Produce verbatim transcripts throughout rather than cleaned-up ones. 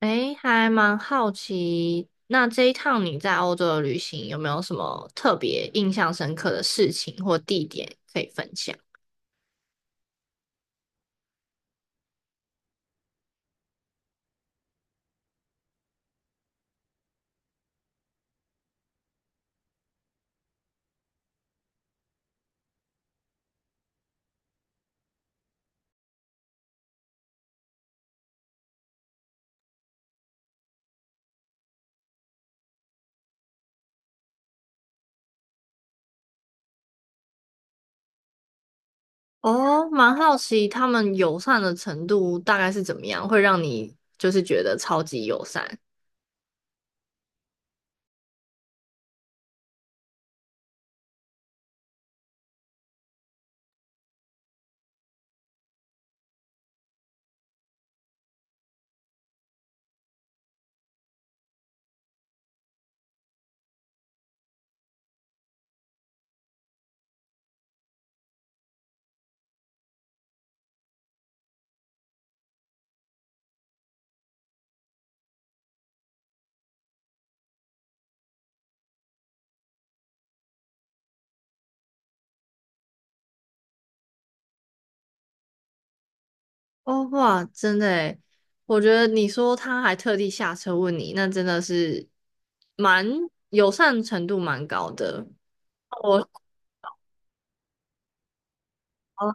诶，还蛮好奇，那这一趟你在欧洲的旅行有没有什么特别印象深刻的事情或地点可以分享？哦，蛮好奇他们友善的程度大概是怎么样，会让你就是觉得超级友善。哦，哇，真的诶，我觉得你说他还特地下车问你，那真的是蛮友善程度蛮高的。我哦，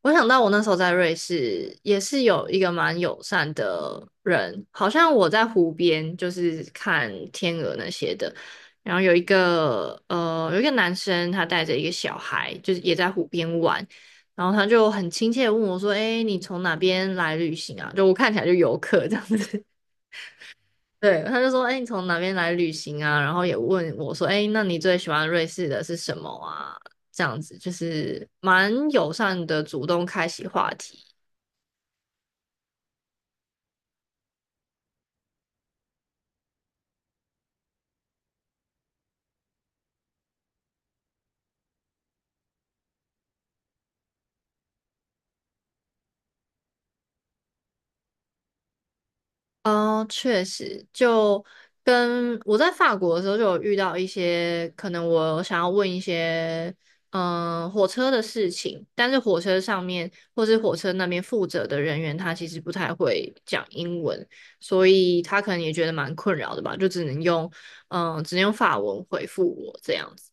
我想到我那时候在瑞士也是有一个蛮友善的人，好像我在湖边就是看天鹅那些的，然后有一个呃有一个男生他带着一个小孩，就是也在湖边玩。然后他就很亲切的问我说：“哎，你从哪边来旅行啊？”就我看起来就游客这样子。对，他就说：“哎，你从哪边来旅行啊？”然后也问我说：“哎，那你最喜欢瑞士的是什么啊？”这样子就是蛮友善的，主动开启话题。哦，确实，就跟我在法国的时候就有遇到一些，可能我想要问一些，嗯，火车的事情，但是火车上面或是火车那边负责的人员，他其实不太会讲英文，所以他可能也觉得蛮困扰的吧，就只能用，嗯，只能用法文回复我这样子，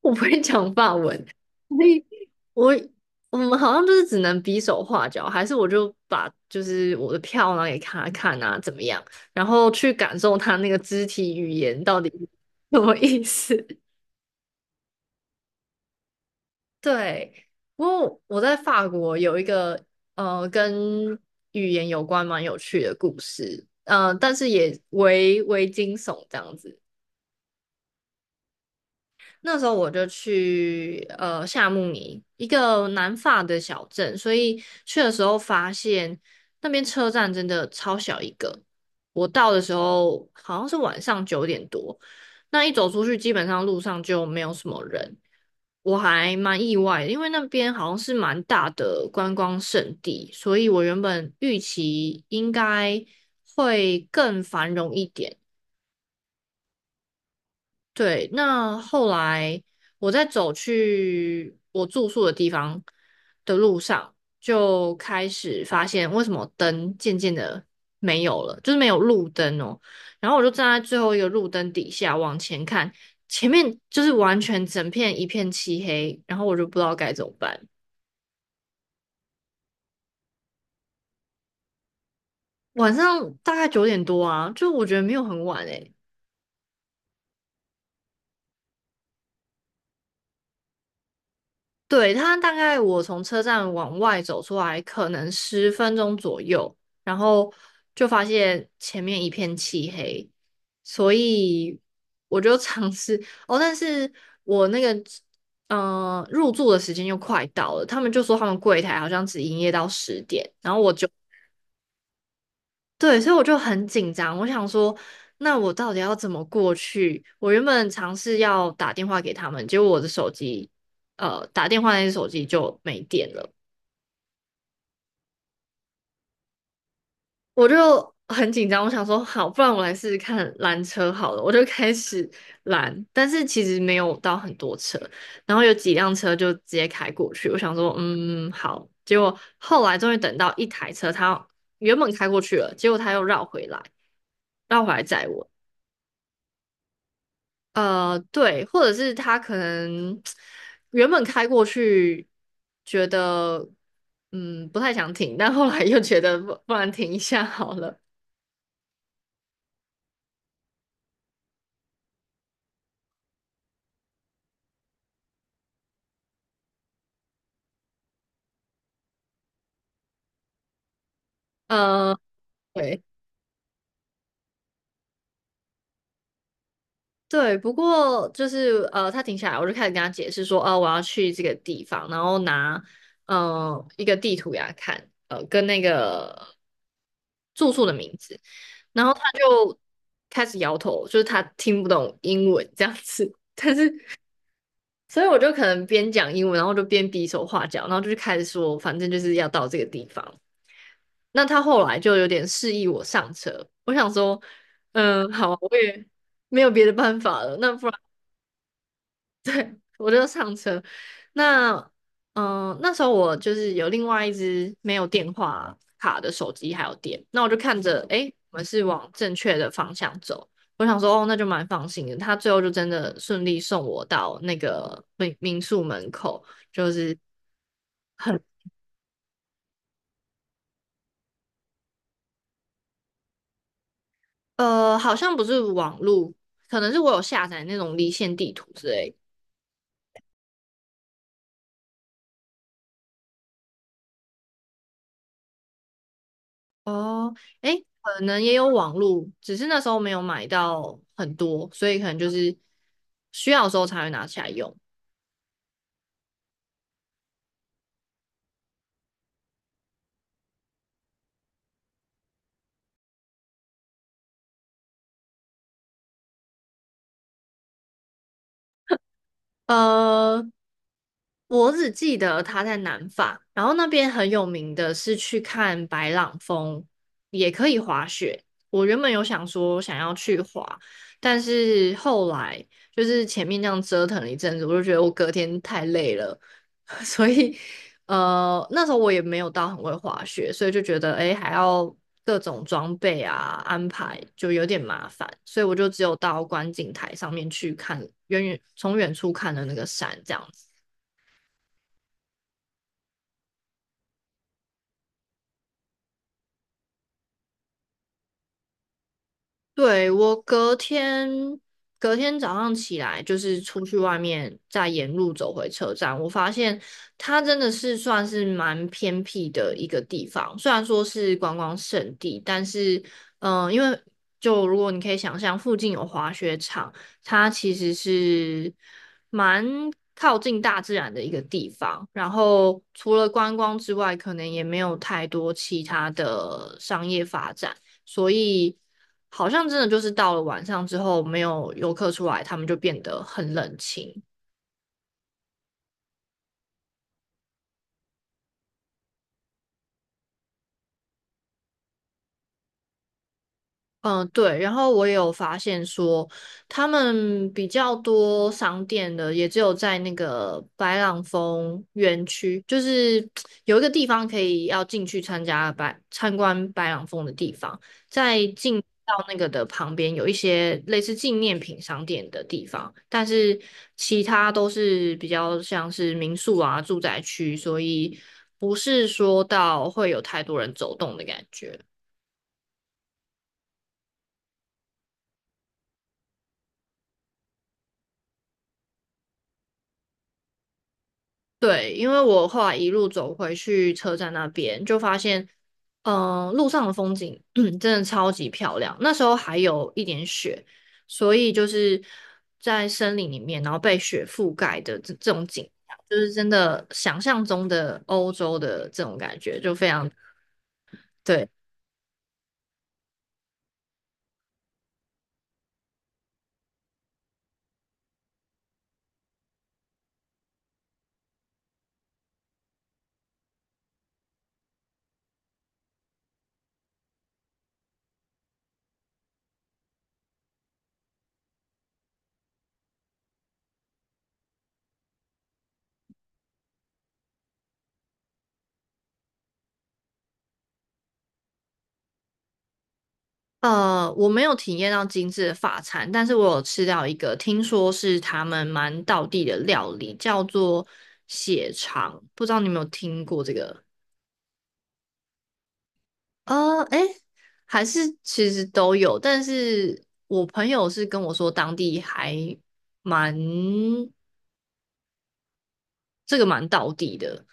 我不会讲法文，我我们好像就是只能比手画脚，还是我就把就是我的票拿给他看啊，怎么样，然后去感受他那个肢体语言到底是什么意思。对，不过我在法国有一个呃跟语言有关蛮有趣的故事，嗯、呃，但是也为为惊悚这样子。那时候我就去呃夏慕尼一个南法的小镇，所以去的时候发现那边车站真的超小一个。我到的时候好像是晚上九点多，那一走出去基本上路上就没有什么人，我还蛮意外的因为那边好像是蛮大的观光胜地，所以我原本预期应该会更繁荣一点。对，那后来我在走去我住宿的地方的路上，就开始发现为什么灯渐渐的没有了，就是没有路灯哦。然后我就站在最后一个路灯底下往前看，前面就是完全整片一片漆黑，然后我就不知道该怎么办。晚上大概九点多啊，就我觉得没有很晚诶、对，他大概我从车站往外走出来，可能十分钟左右，然后就发现前面一片漆黑，所以我就尝试哦，但是我那个呃入住的时间又快到了，他们就说他们柜台好像只营业到十点，然后我就。对，所以我就很紧张，我想说，那我到底要怎么过去？我原本尝试要打电话给他们，结果我的手机，呃，打电话那只手机就没电了，我就很紧张。我想说，好，不然我来试试看拦车好了，我就开始拦，但是其实没有到很多车，然后有几辆车就直接开过去。我想说，嗯，好。结果后来终于等到一台车，它原本开过去了，结果它又绕回来，绕回来载我。呃，对，或者是他可能原本开过去，觉得嗯不太想停，但后来又觉得不不然停一下好了。呃，对对，不过就是呃，他停下来，我就开始跟他解释说，哦、我要去这个地方，然后拿呃一个地图给他看，呃，跟那个住宿的名字，然后他就开始摇头，就是他听不懂英文这样子。所以我就可能边讲英文，然后就边比手画脚，然后就开始说，反正就是要到这个地方。那他后来就有点示意我上车，我想说，嗯，好啊我也没有别的办法了，那不然。我就上车。那嗯、呃那时候我就是有另外一只没有电话卡的手机还有电，那我就看着，诶，我们是往正确的方向走。我想说，哦，那就蛮放心的。他最后就真的顺利送我到那个民民宿门口，就是很呃，好像不是网络，可能是我有下载那种离线地图之类的。哦，诶，可能也有网路，只是那时候没有买到很多，所以可能就是需要的时候才会拿起来用。呃，我只记得他在南法，然后那边很有名的是去看白朗峰，也可以滑雪。我原本有想说想要去滑，但是后来就是前面这样折腾了一阵子，我就觉得我隔天太累了，所以呃那时候我也没有到很会滑雪，所以就觉得诶还要各种装备啊安排就有点麻烦，所以我就只有到观景台上面去看远远从远处看的那个山这样子。对，我隔天隔天早上起来，就是出去外面，再沿路走回车站，我发现它真的是算是蛮偏僻的一个地方。虽然说是观光胜地，但是，嗯、因为就如果你可以想象，附近有滑雪场，它其实是蛮靠近大自然的一个地方。然后除了观光之外，可能也没有太多其他的商业发展。所以好像真的就是到了晚上之后，没有游客出来，他们就变得很冷清。嗯，对，然后我也有发现说，他们比较多商店的也只有在那个白朗峰园区，就是 有一个地方可以要进去参加白参观白朗峰的地方，在进到那个的旁边有一些类似纪念品商店的地方，但是其他都是比较像是民宿啊、住宅区，所以不是说到会有太多人走动的感觉。对，因为我后来一路走回去车站那边，就发现，嗯、路上的风景 真的超级漂亮。那时候还有一点雪，所以就是在森林里面，然后被雪覆盖的这这种景象，就是真的想象中的欧洲的这种感觉，就非常对。呃，我没有体验到精致的法餐，但是我有吃到一个，听说是他们蛮道地的料理，叫做血肠，不知道你有没有听过这个？呃，哎，还是其实都有，但是我朋友是跟我说当地还蛮这个蛮道地的，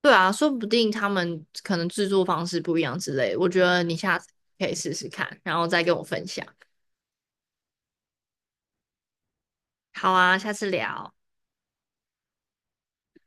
对啊，说不定他们可能制作方式不一样之类，我觉得你下次可以试试看，然后再跟我分享。好啊，下次聊。